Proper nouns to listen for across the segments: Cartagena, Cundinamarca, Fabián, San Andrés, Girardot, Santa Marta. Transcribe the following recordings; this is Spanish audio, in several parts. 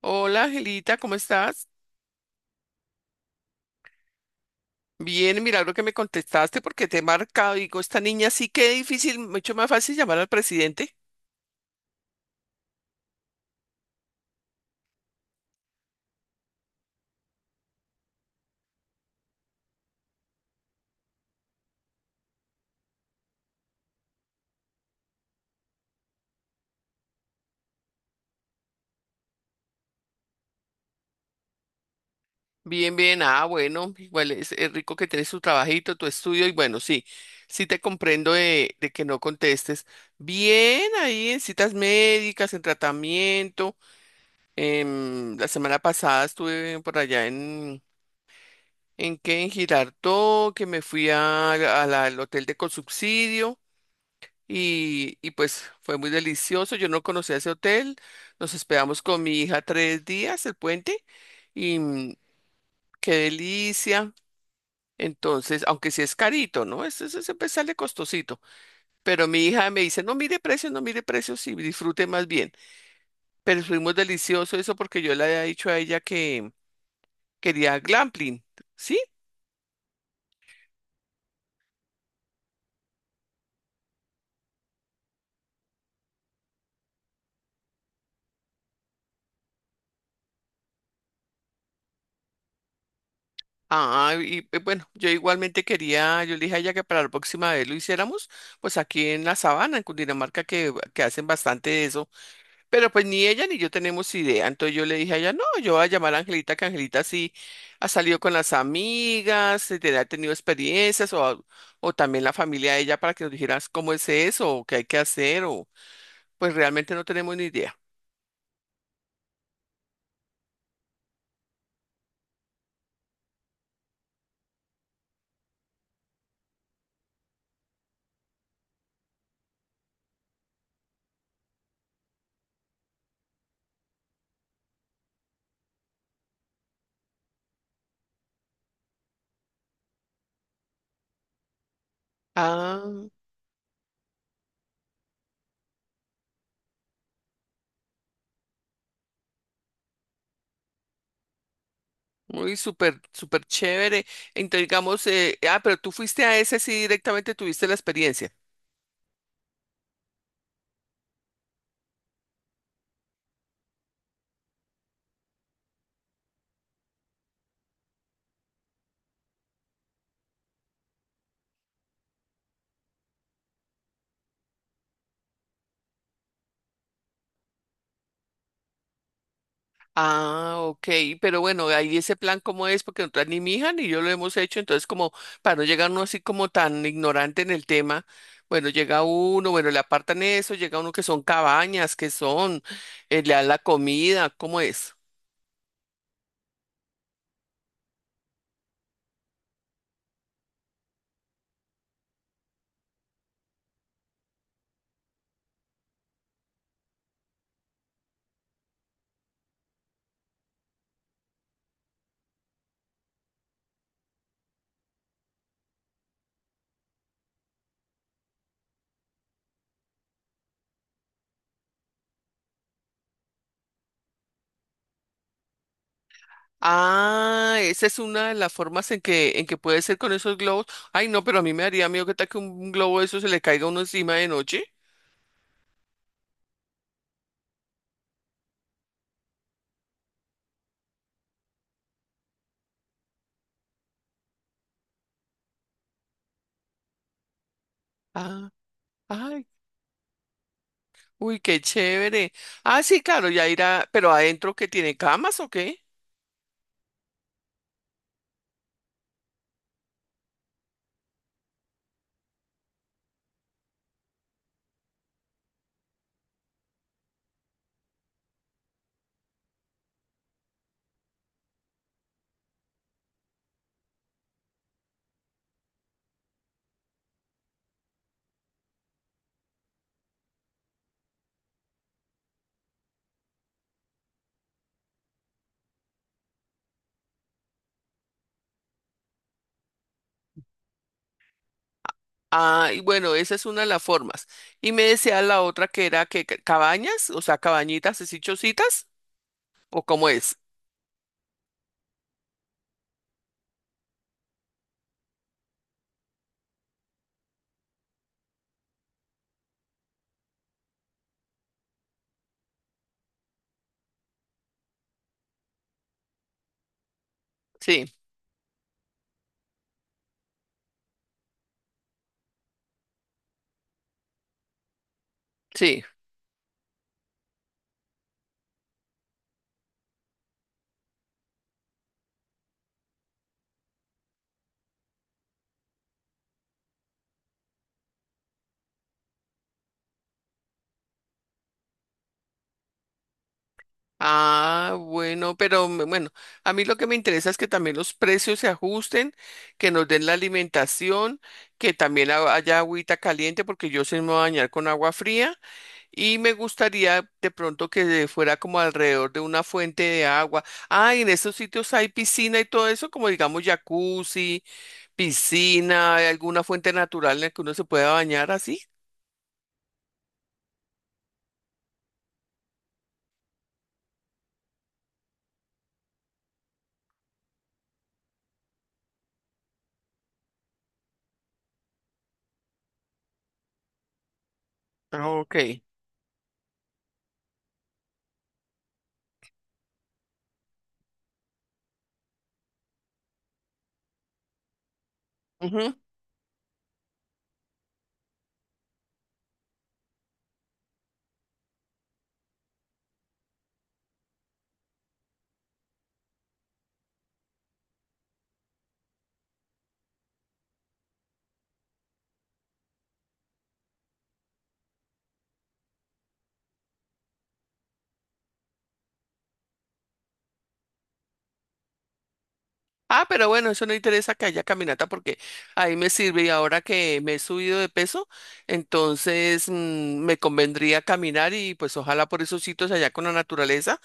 Hola, Angelita, ¿cómo estás? Bien, milagro que me contestaste porque te he marcado. Digo, esta niña sí que es difícil, mucho más fácil llamar al presidente. Bien, bien, ah, bueno, igual es rico que tienes tu trabajito, tu estudio, y bueno, sí, sí te comprendo de que no contestes. Bien, ahí en citas médicas, en tratamiento. La semana pasada estuve por allá ¿en qué? En Girardot, que me fui a, al hotel de consubsidio y pues fue muy delicioso. Yo no conocía ese hotel, nos esperamos con mi hija tres días, el puente, y qué delicia. Entonces, aunque sí es carito, ¿no? Este es, siempre sale costosito. Pero mi hija me dice, no mire precios, no mire precios y disfrute más bien. Pero fuimos delicioso eso porque yo le había dicho a ella que quería glampling, ¿sí? Ah, y bueno, yo igualmente quería, yo le dije a ella que para la próxima vez lo hiciéramos, pues aquí en la sabana, en Cundinamarca, que hacen bastante eso. Pero pues ni ella ni yo tenemos idea. Entonces yo le dije a ella, no, yo voy a llamar a Angelita, que Angelita sí ha salido con las amigas, ha tenido experiencias, o también la familia de ella para que nos dijeras cómo es eso, o qué hay que hacer, o pues realmente no tenemos ni idea. Ah, muy súper, súper chévere. Entonces digamos, pero tú fuiste a ese, sí directamente tuviste la experiencia. Ah, ok, pero bueno, ahí ese plan cómo es, porque nosotras ni mi hija ni yo lo hemos hecho, entonces como para no llegar uno así como tan ignorante en el tema, bueno, llega uno, bueno, le apartan eso, llega uno que son cabañas, que son, le dan la comida, ¿cómo es? Ah, esa es una de las formas en que puede ser con esos globos. Ay, no, pero a mí me daría miedo que tal que un globo de eso se le caiga a uno encima de noche. Ah, ay, uy, qué chévere. Ah, sí, claro, ya irá, pero adentro ¿que tiene camas o qué? Ah, y bueno, esa es una de las formas. Y me decía la otra que era que cabañas, o sea, cabañitas, así chocitas, o cómo es. Sí, sí. Ah, bueno, bueno, a mí lo que me interesa es que también los precios se ajusten, que nos den la alimentación, que también haya agüita caliente, porque yo sí me voy a bañar con agua fría, y me gustaría de pronto que fuera como alrededor de una fuente de agua. Ah, y en esos sitios hay piscina y todo eso, como digamos jacuzzi, piscina, hay alguna fuente natural en la que uno se pueda bañar así. Ah, ok. Ujú. Ah, pero bueno, eso no interesa que haya caminata porque ahí me sirve y ahora que me he subido de peso, entonces me convendría caminar y pues ojalá por esos sitios allá con la naturaleza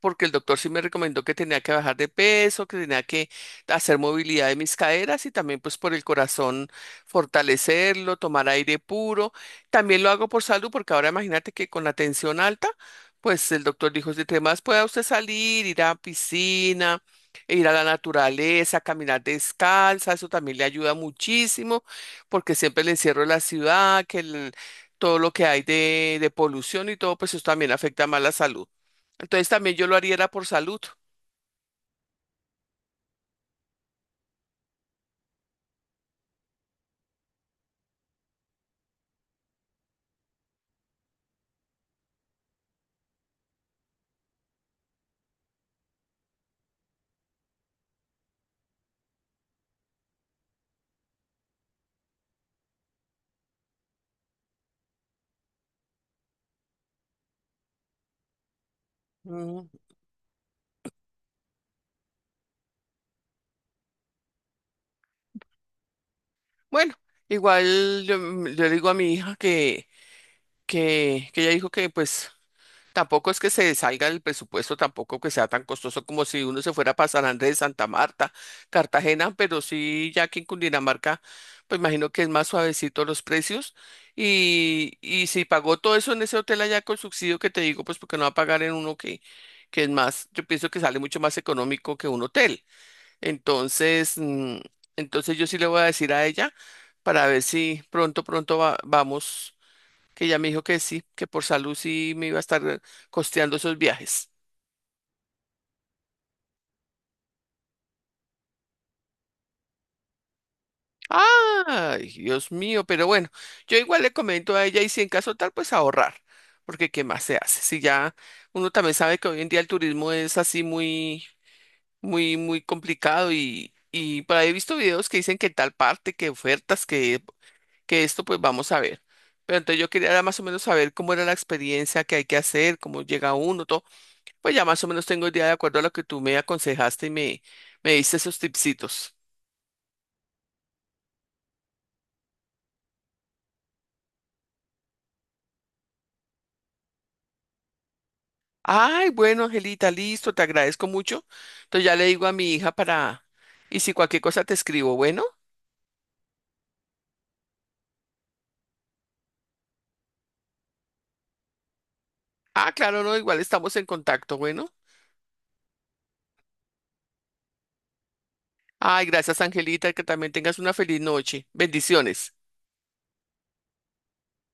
porque el doctor sí me recomendó que tenía que bajar de peso, que tenía que hacer movilidad de mis caderas y también pues por el corazón fortalecerlo, tomar aire puro. También lo hago por salud porque ahora imagínate que con la tensión alta, pues el doctor dijo, si más pueda usted salir, ir a piscina, e ir a la naturaleza, caminar descalza, eso también le ayuda muchísimo porque siempre el encierro de la ciudad, todo lo que hay de polución y todo, pues eso también afecta más la salud. Entonces también yo lo haría era por salud. Mm. Bueno, igual yo, yo le digo a mi hija que ella dijo que pues tampoco es que se salga del presupuesto, tampoco que sea tan costoso como si uno se fuera para San Andrés, Santa Marta, Cartagena, pero sí ya aquí en Cundinamarca, pues imagino que es más suavecito los precios. Y si pagó todo eso en ese hotel allá con subsidio que te digo, pues porque no va a pagar en uno que es más, yo pienso que sale mucho más económico que un hotel. Entonces, entonces yo sí le voy a decir a ella para ver si pronto, vamos, que ella me dijo que sí, que por salud sí me iba a estar costeando esos viajes. Ay, Dios mío, pero bueno, yo igual le comento a ella y si en caso tal, pues ahorrar, porque ¿qué más se hace? Si ya uno también sabe que hoy en día el turismo es así muy, muy, muy complicado y por ahí he visto videos que dicen que en tal parte, que ofertas, que esto pues vamos a ver. Pero entonces yo quería más o menos saber cómo era la experiencia, que hay que hacer, cómo llega uno, todo. Pues ya más o menos tengo idea de acuerdo a lo que tú me aconsejaste y me diste esos tipsitos. Ay, bueno, Angelita, listo, te agradezco mucho. Entonces ya le digo a mi hija para... Y si cualquier cosa te escribo, bueno. Ah, claro, no, igual estamos en contacto, bueno. Ay, gracias, Angelita, que también tengas una feliz noche. Bendiciones.